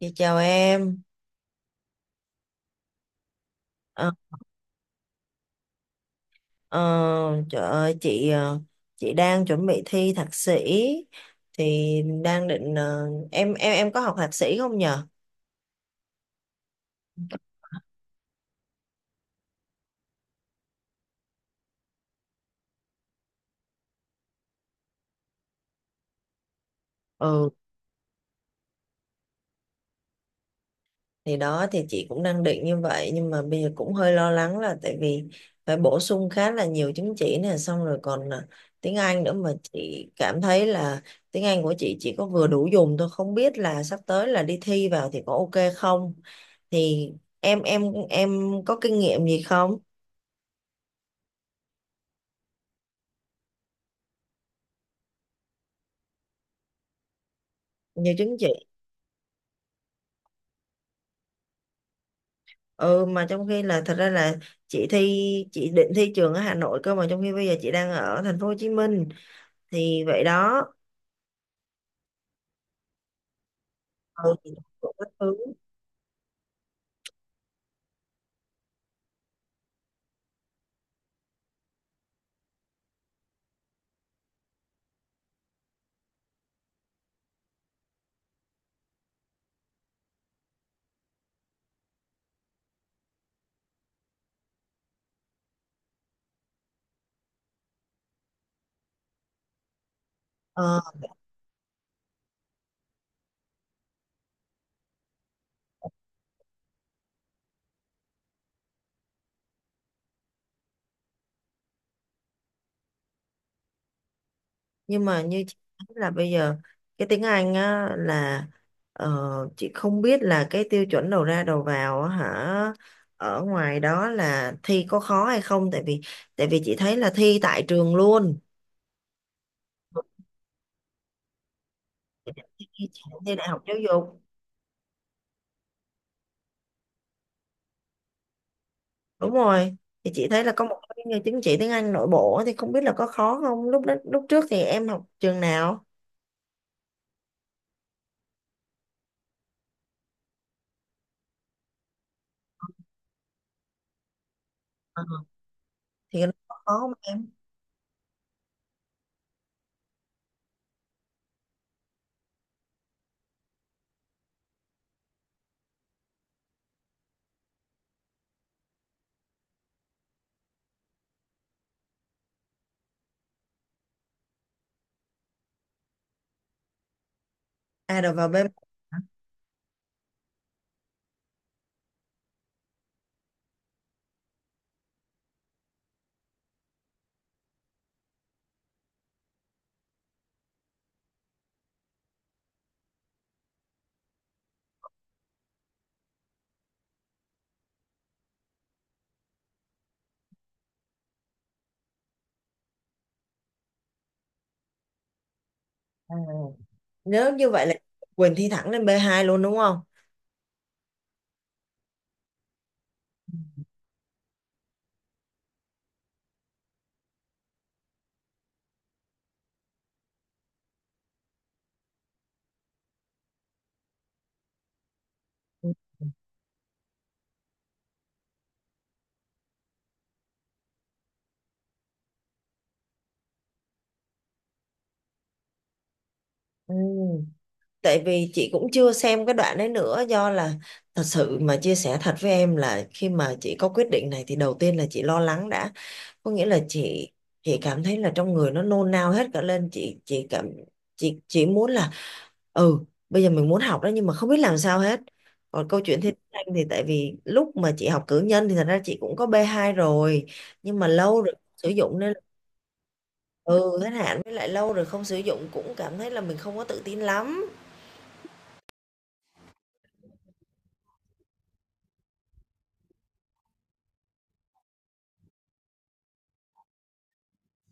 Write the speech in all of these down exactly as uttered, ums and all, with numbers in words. Dạ chào em. Ờ, ờ, trời ơi chị ờ, chị đang chuẩn bị thi thạc sĩ thì đang định ờ, em em em có học thạc sĩ không nhờ? Ừ, thì đó thì chị cũng đang định như vậy nhưng mà bây giờ cũng hơi lo lắng là tại vì phải bổ sung khá là nhiều chứng chỉ nè, xong rồi còn ờ, tiếng Anh nữa, mà chị cảm thấy là tiếng Anh của chị chỉ có vừa đủ dùng thôi, không biết là sắp tới là đi thi vào thì có ok không? Thì em em em có kinh nghiệm gì không? Nhiều chứng chỉ. Ừ, mà trong khi là thật ra là chị thi chị định thi trường ở Hà Nội, cơ mà trong khi bây giờ chị đang ở thành phố Hồ Chí Minh thì vậy đó. Ừ, thì cũng có thứ. ờ, nhưng mà như chị nói là bây giờ cái tiếng Anh á là, ờ, chị không biết là cái tiêu chuẩn đầu ra đầu vào á hả, ở ngoài đó là thi có khó hay không, tại vì tại vì chị thấy là thi tại trường luôn. Chị thi, chị thi đại học giáo dục. Đúng rồi, thì chị thấy là có một cái chứng chỉ tiếng Anh nội bộ á, thì không biết là có khó không, lúc đó lúc trước thì em học trường nào. Ờ, thì nó có khó không em? À, rồi vào B. À, nếu như vậy là Quỳnh thi thẳng lên bê hai luôn đúng không? Ừ. Ừ. Tại vì chị cũng chưa xem cái đoạn đấy nữa, do là thật sự mà chia sẻ thật với em là khi mà chị có quyết định này thì đầu tiên là chị lo lắng đã, có nghĩa là chị chị cảm thấy là trong người nó nôn nao hết cả lên, chị chị cảm chị chị muốn là, ừ, bây giờ mình muốn học đó nhưng mà không biết làm sao hết. Còn câu chuyện thiên anh thì tại vì lúc mà chị học cử nhân thì thật ra chị cũng có b hai rồi, nhưng mà lâu rồi không sử dụng nên, ừ, hết hạn, với lại lâu rồi không sử dụng cũng cảm thấy là mình không có tự tin lắm.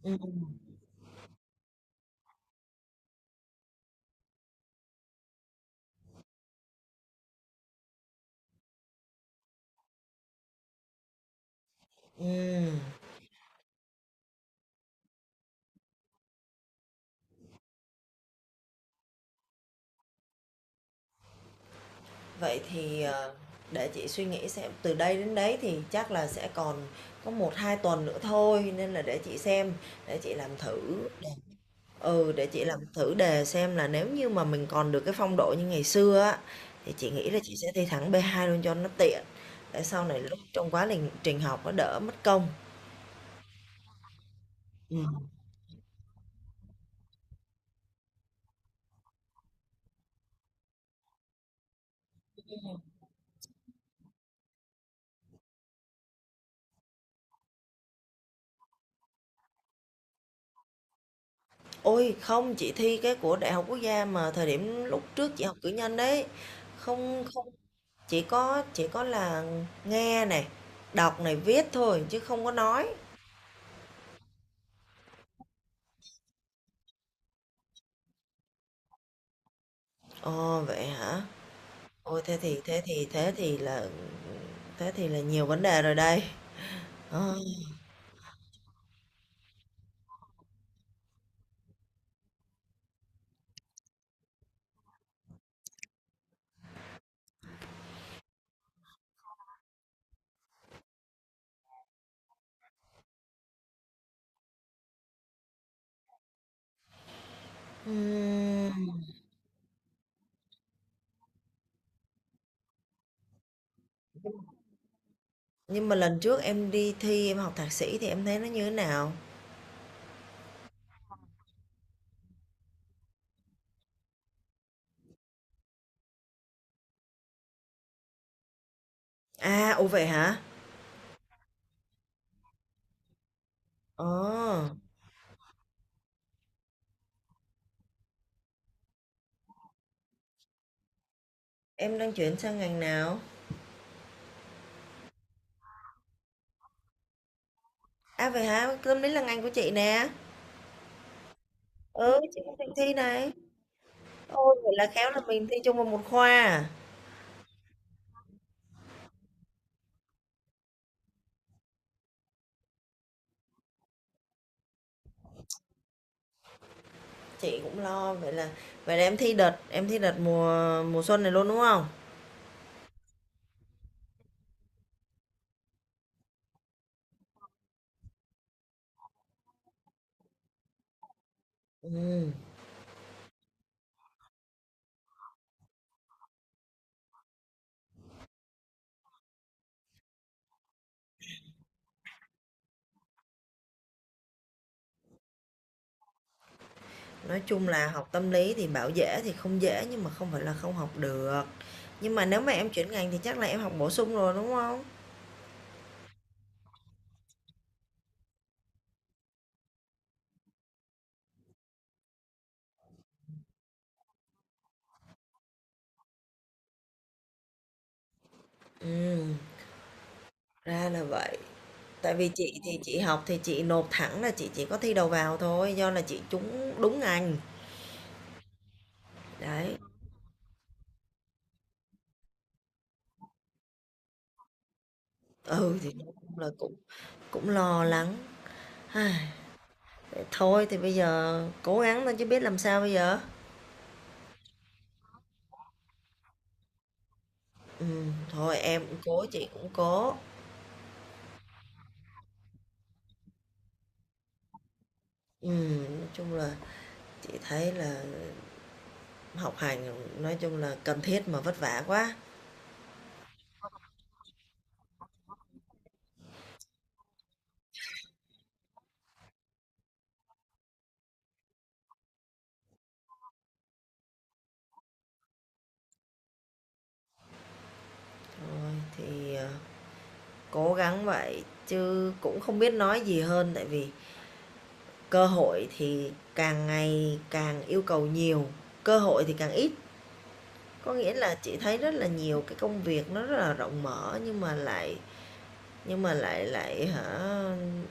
Ừ. Ừ. Vậy thì, ờ, để chị suy nghĩ xem, từ đây đến đấy thì chắc là sẽ còn có một hai tuần nữa thôi, nên là để chị xem, để chị làm thử ừ, để chị làm thử đề xem là nếu như mà mình còn được cái phong độ như ngày xưa á, thì chị nghĩ là chị sẽ thi thẳng bê hai luôn cho nó tiện, để sau này lúc trong quá lình trình học nó đỡ mất công. Ừm. Ôi, không, chị thi cái của Đại học Quốc gia mà thời điểm lúc trước chị học cử nhân đấy, không không. Chỉ có chỉ có là nghe này, đọc này, viết thôi chứ không có nói. Ồ, vậy hả? Ôi, thế thì thế thì thế thì là thế thì là nhiều vấn đề rồi đây. Ờ, ừm, nhưng mà lần trước em đi thi em học thạc sĩ thì em thấy nó như thế nào? À, ồ vậy hả? Ờ, em đang chuyển sang ngành nào? À vậy hả? Tâm lý là ngành của chị nè. Ừ, chị cũng định thi này. Ôi, vậy là khéo là mình thi chung vào một khoa à? Chị cũng lo, vậy là vậy là em thi đợt em thi đợt mùa mùa xuân này luôn, đúng không? Ừm, nói chung là học tâm lý thì bảo dễ thì không dễ nhưng mà không phải là không học được, nhưng mà nếu mà em chuyển ngành thì chắc là em học bổ sung rồi, đúng không? Ừm, ra là vậy. Tại vì chị thì chị học thì chị nộp thẳng, là chị chỉ có thi đầu vào thôi, do là chị trúng đúng ngành, đấy. Ừ, thì nói chung là cũng cũng lo lắng. Ai, thôi thì bây giờ cố gắng thôi chứ biết làm sao bây giờ. Ừm, thôi em cũng cố, chị cũng cố. Ừm, nói chung là chị thấy là học hành, nói chung là cần thiết mà vất vả quá. Thôi thì, ờ, cố gắng vậy chứ cũng không biết nói gì hơn, tại vì cơ hội thì càng ngày càng yêu cầu nhiều, cơ hội thì càng ít. Có nghĩa là chị thấy rất là nhiều cái công việc nó rất là rộng mở nhưng mà lại nhưng mà lại lại hả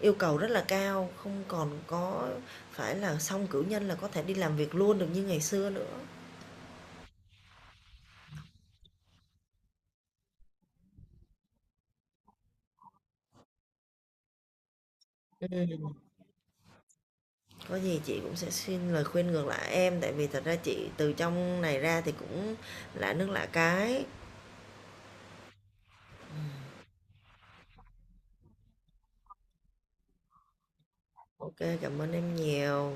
yêu cầu rất là cao, không còn có phải là xong cử nhân là có thể đi làm việc luôn được như ngày xưa nữa. Ừm, có gì chị cũng sẽ xin lời khuyên ngược lại em, tại vì thật ra chị từ trong này ra thì cũng lạ nước lạ cái. Ok, cảm ơn em nhiều.